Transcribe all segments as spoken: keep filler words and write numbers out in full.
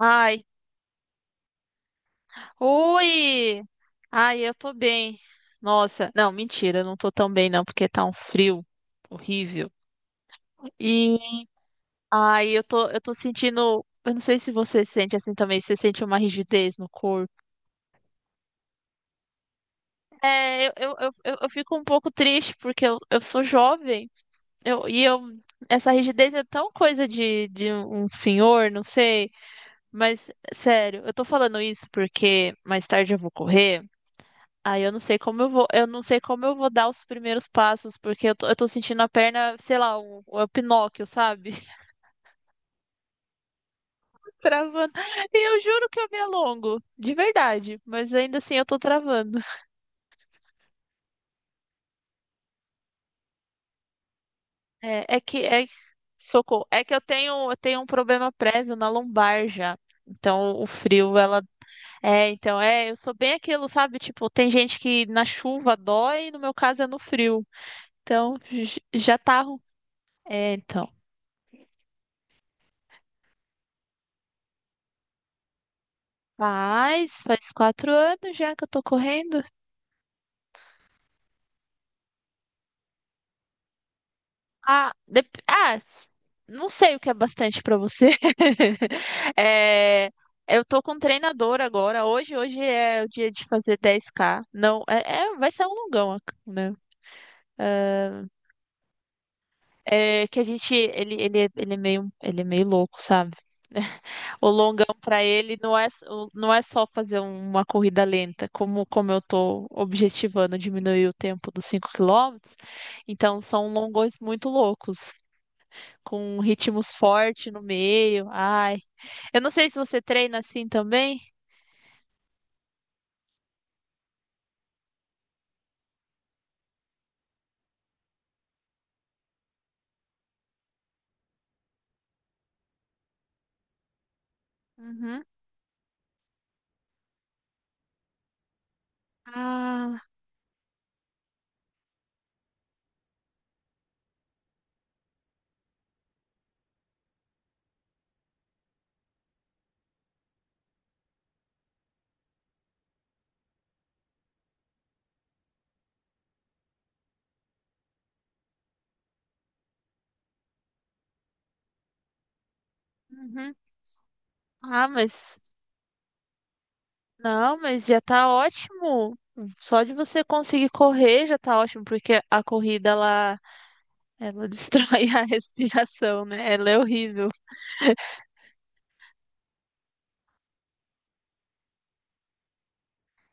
Ai, oi! Ai, eu tô bem. Nossa, não, mentira, eu não tô tão bem não, porque tá um frio horrível. E ai, eu tô, eu tô sentindo, eu não sei se você sente assim também, se você sente uma rigidez no corpo. É, eu, eu, eu, eu eu fico um pouco triste porque eu, eu sou jovem. Eu, e eu essa rigidez é tão coisa de, de, um senhor, não sei, mas sério, eu tô falando isso porque mais tarde eu vou correr. Aí eu não sei como eu vou, eu não sei como eu vou, dar os primeiros passos, porque eu tô, eu tô sentindo a perna, sei lá, o, o Pinóquio, sabe? Travando. E eu juro que eu me alongo, de verdade, mas ainda assim eu tô travando. É, é que é socorro, é que eu tenho, eu tenho um problema prévio na lombar já. Então o frio, ela é, então é, eu sou bem aquilo, sabe? Tipo, tem gente que na chuva dói, no meu caso é no frio. Então j- já tá, ru- é, então. Faz, faz quatro anos já que eu tô correndo. Ah, dep- ah, s- não sei o que é bastante pra você. É, eu tô com um treinador agora. Hoje, hoje é o dia de fazer dez k. Não, é, é- vai ser um longão, né? É, é que a gente, ele, ele, é- ele é meio, ele é meio louco, sabe? O longão para ele não é, o- não é só fazer uma corrida lenta, como, como eu tô objetivando diminuir o tempo dos cinco quilômetros. Então são longões muito loucos, com ritmos fortes no meio. Ai, eu não sei se você treina assim também. Uhum. Ah, uhum. Ah, mas não, mas já tá ótimo. Só de você conseguir correr já tá ótimo, porque a corrida ela, ela destrói a respiração, né? Ela é horrível.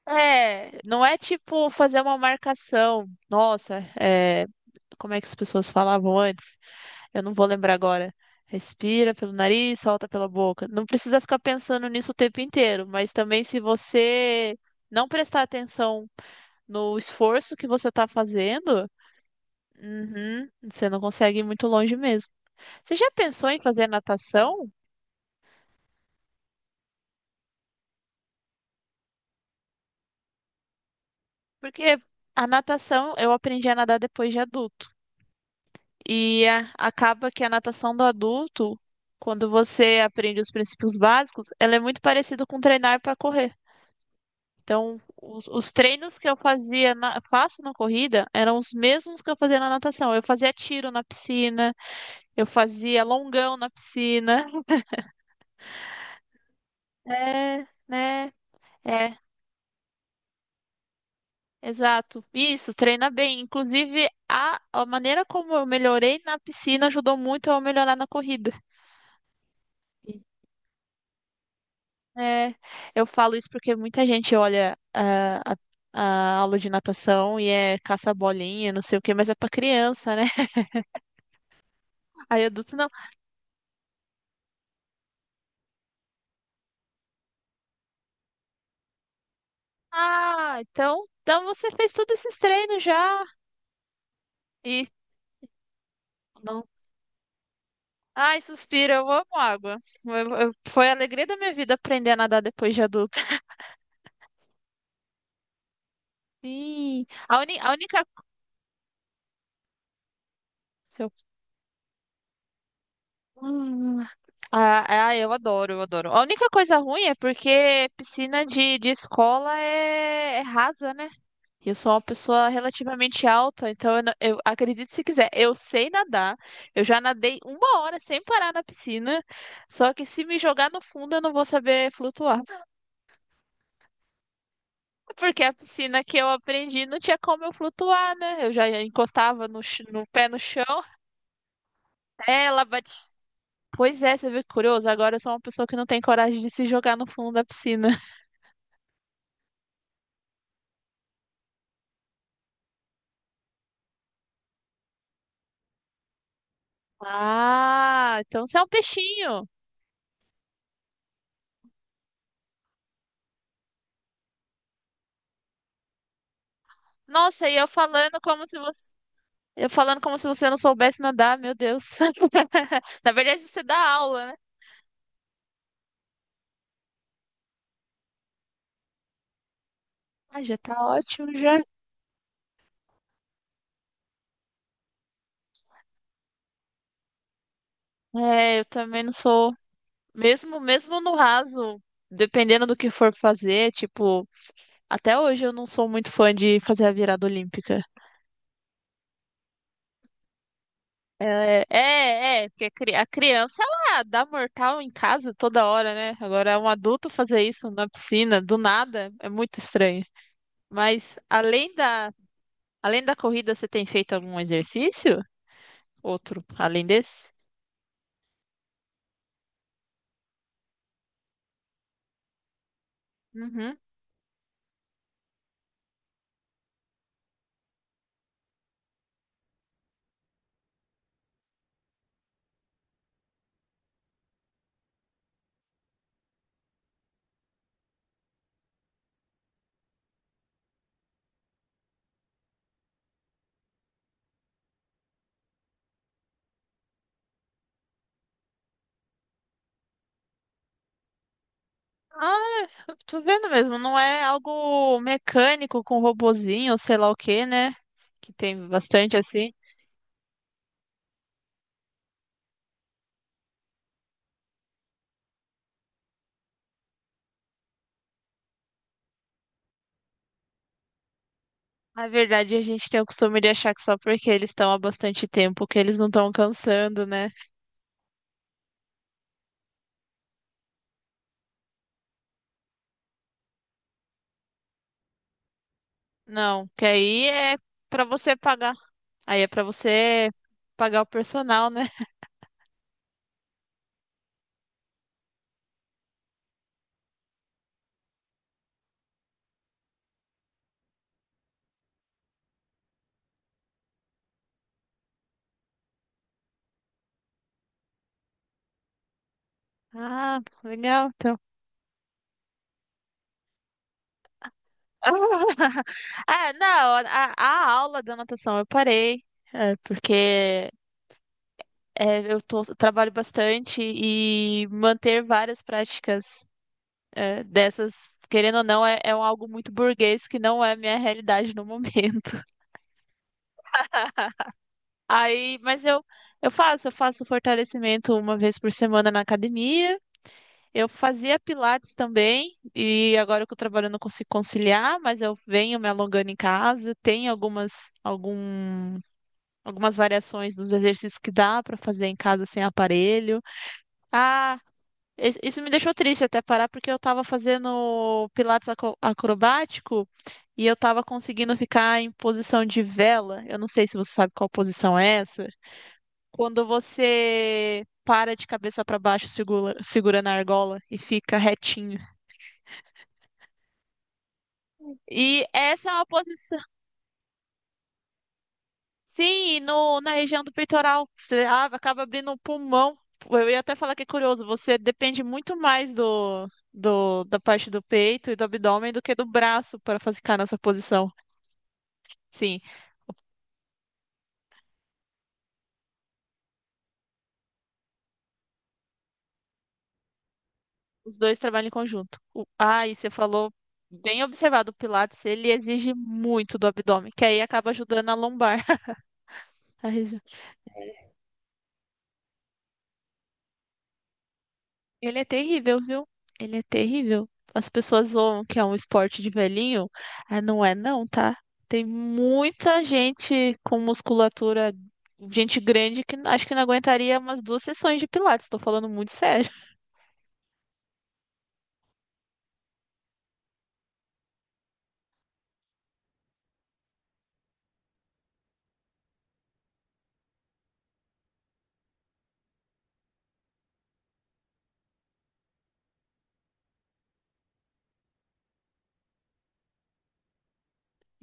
É, não é tipo fazer uma marcação. Nossa, é, como é que as pessoas falavam antes? Eu não vou lembrar agora. Respira pelo nariz, solta pela boca. Não precisa ficar pensando nisso o tempo inteiro, mas também se você não prestar atenção no esforço que você está fazendo, uhum, você não consegue ir muito longe mesmo. Você já pensou em fazer natação? Porque a natação eu aprendi a nadar depois de adulto. E é, acaba que a natação do adulto, quando você aprende os princípios básicos, ela é muito parecida com treinar para correr. Então, os, os treinos que eu fazia na, faço na corrida eram os mesmos que eu fazia na natação. Eu fazia tiro na piscina, eu fazia longão na piscina. É, né? É, exato. Isso, treina bem. Inclusive, a, a maneira como eu melhorei na piscina ajudou muito a eu melhorar na corrida. É, eu falo isso porque muita gente olha ah, a, a aula de natação e é caça-bolinha, não sei o quê, mas é pra criança, né? Aí adulto não. Ah, então, então você fez todos esses treinos já. E não. Ai, suspiro, eu amo água. Eu- eu- foi a alegria da minha vida aprender a nadar depois de adulta. Sim, a, uni, a única. Seu. Hum. Ah, é, ah, eu adoro, eu adoro. A única coisa ruim é porque piscina de, de escola é é rasa, né? Eu sou uma pessoa relativamente alta, então eu, não- eu acredito se quiser, eu sei nadar. Eu já nadei uma hora sem parar na piscina, só que se me jogar no fundo eu não vou saber flutuar. Porque a piscina que eu aprendi não tinha como eu flutuar, né? Eu já encostava no, ch- no pé no chão, é, ela bate. Pois é, você vê que curioso, agora eu sou uma pessoa que não tem coragem de se jogar no fundo da piscina. Ah, então você é um peixinho. Nossa, e eu falando como se você Eu falando como se você não soubesse nadar, meu Deus. Na verdade, você dá aula, né? Ah, já tá ótimo já. É, eu também não sou. Mesmo, mesmo no raso, dependendo do que for fazer, tipo, até hoje eu não sou muito fã de fazer a virada olímpica. É, é, é, porque a cri- a criança, ela dá mortal em casa toda hora, né? Agora, um adulto fazer isso na piscina, do nada, é muito estranho. Mas além da, além da corrida, você tem feito algum exercício? Outro, além desse? Uhum. Ah, eu tô vendo mesmo, não é algo mecânico com robozinho, ou sei lá o que, né? Que tem bastante assim. Na verdade, a gente tem o costume de achar que só porque eles estão há bastante tempo que eles não estão cansando, né? Não, que aí é pra você pagar. Aí é pra você pagar o personal, né? Ah, legal, então. Ah, não, a, a aula da natação eu parei, é, porque é, eu tô- eu trabalho bastante e manter várias práticas é, dessas, querendo ou não, é, é um algo muito burguês que não é minha realidade no momento. Aí, mas eu, eu faço, eu faço fortalecimento uma vez por semana na academia. Eu fazia pilates também, e agora que eu trabalho eu não consigo conciliar, mas eu venho me alongando em casa. Tem algumas, algum, algumas variações dos exercícios que dá para fazer em casa sem aparelho. Ah, Is- Isso me deixou triste até parar, porque eu tava fazendo pilates aco- acrobático e eu tava conseguindo ficar em posição de vela. Eu não sei se você sabe qual posição é essa. Quando você para de cabeça para baixo, segura, segura na argola e fica retinho. E essa é uma posição. Sim, e no, na região do peitoral. Você a- acaba abrindo o pulmão. Eu ia até falar que é curioso, você depende muito mais do, do, da parte do peito e do abdômen do que do braço para ficar nessa posição. Sim, os dois trabalham em conjunto. O, ah, e você falou, bem observado, o Pilates, ele exige muito do abdômen, que aí acaba ajudando a lombar. A região. Ele é terrível, viu? Ele é terrível. As pessoas zoam que é um esporte de velhinho. Ah, não é não, tá? Tem muita gente com musculatura, gente grande que acho que não aguentaria umas duas sessões de pilates. Tô falando muito sério.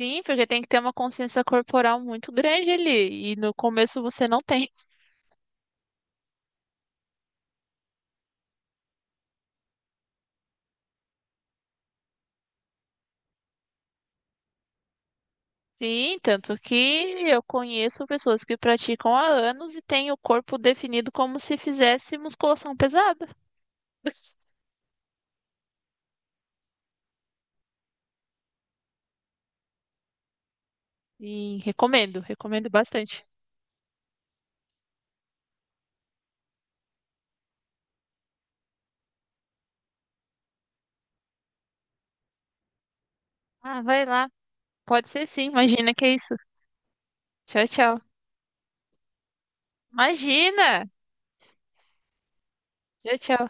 Sim, porque tem que ter uma consciência corporal muito grande ali. E no começo você não tem. Sim, tanto que eu conheço pessoas que praticam há anos e têm o corpo definido como se fizesse musculação pesada. E recomendo, recomendo bastante. Ah, vai lá. Pode ser sim. Imagina que é isso. Tchau, tchau. Imagina! Tchau, tchau.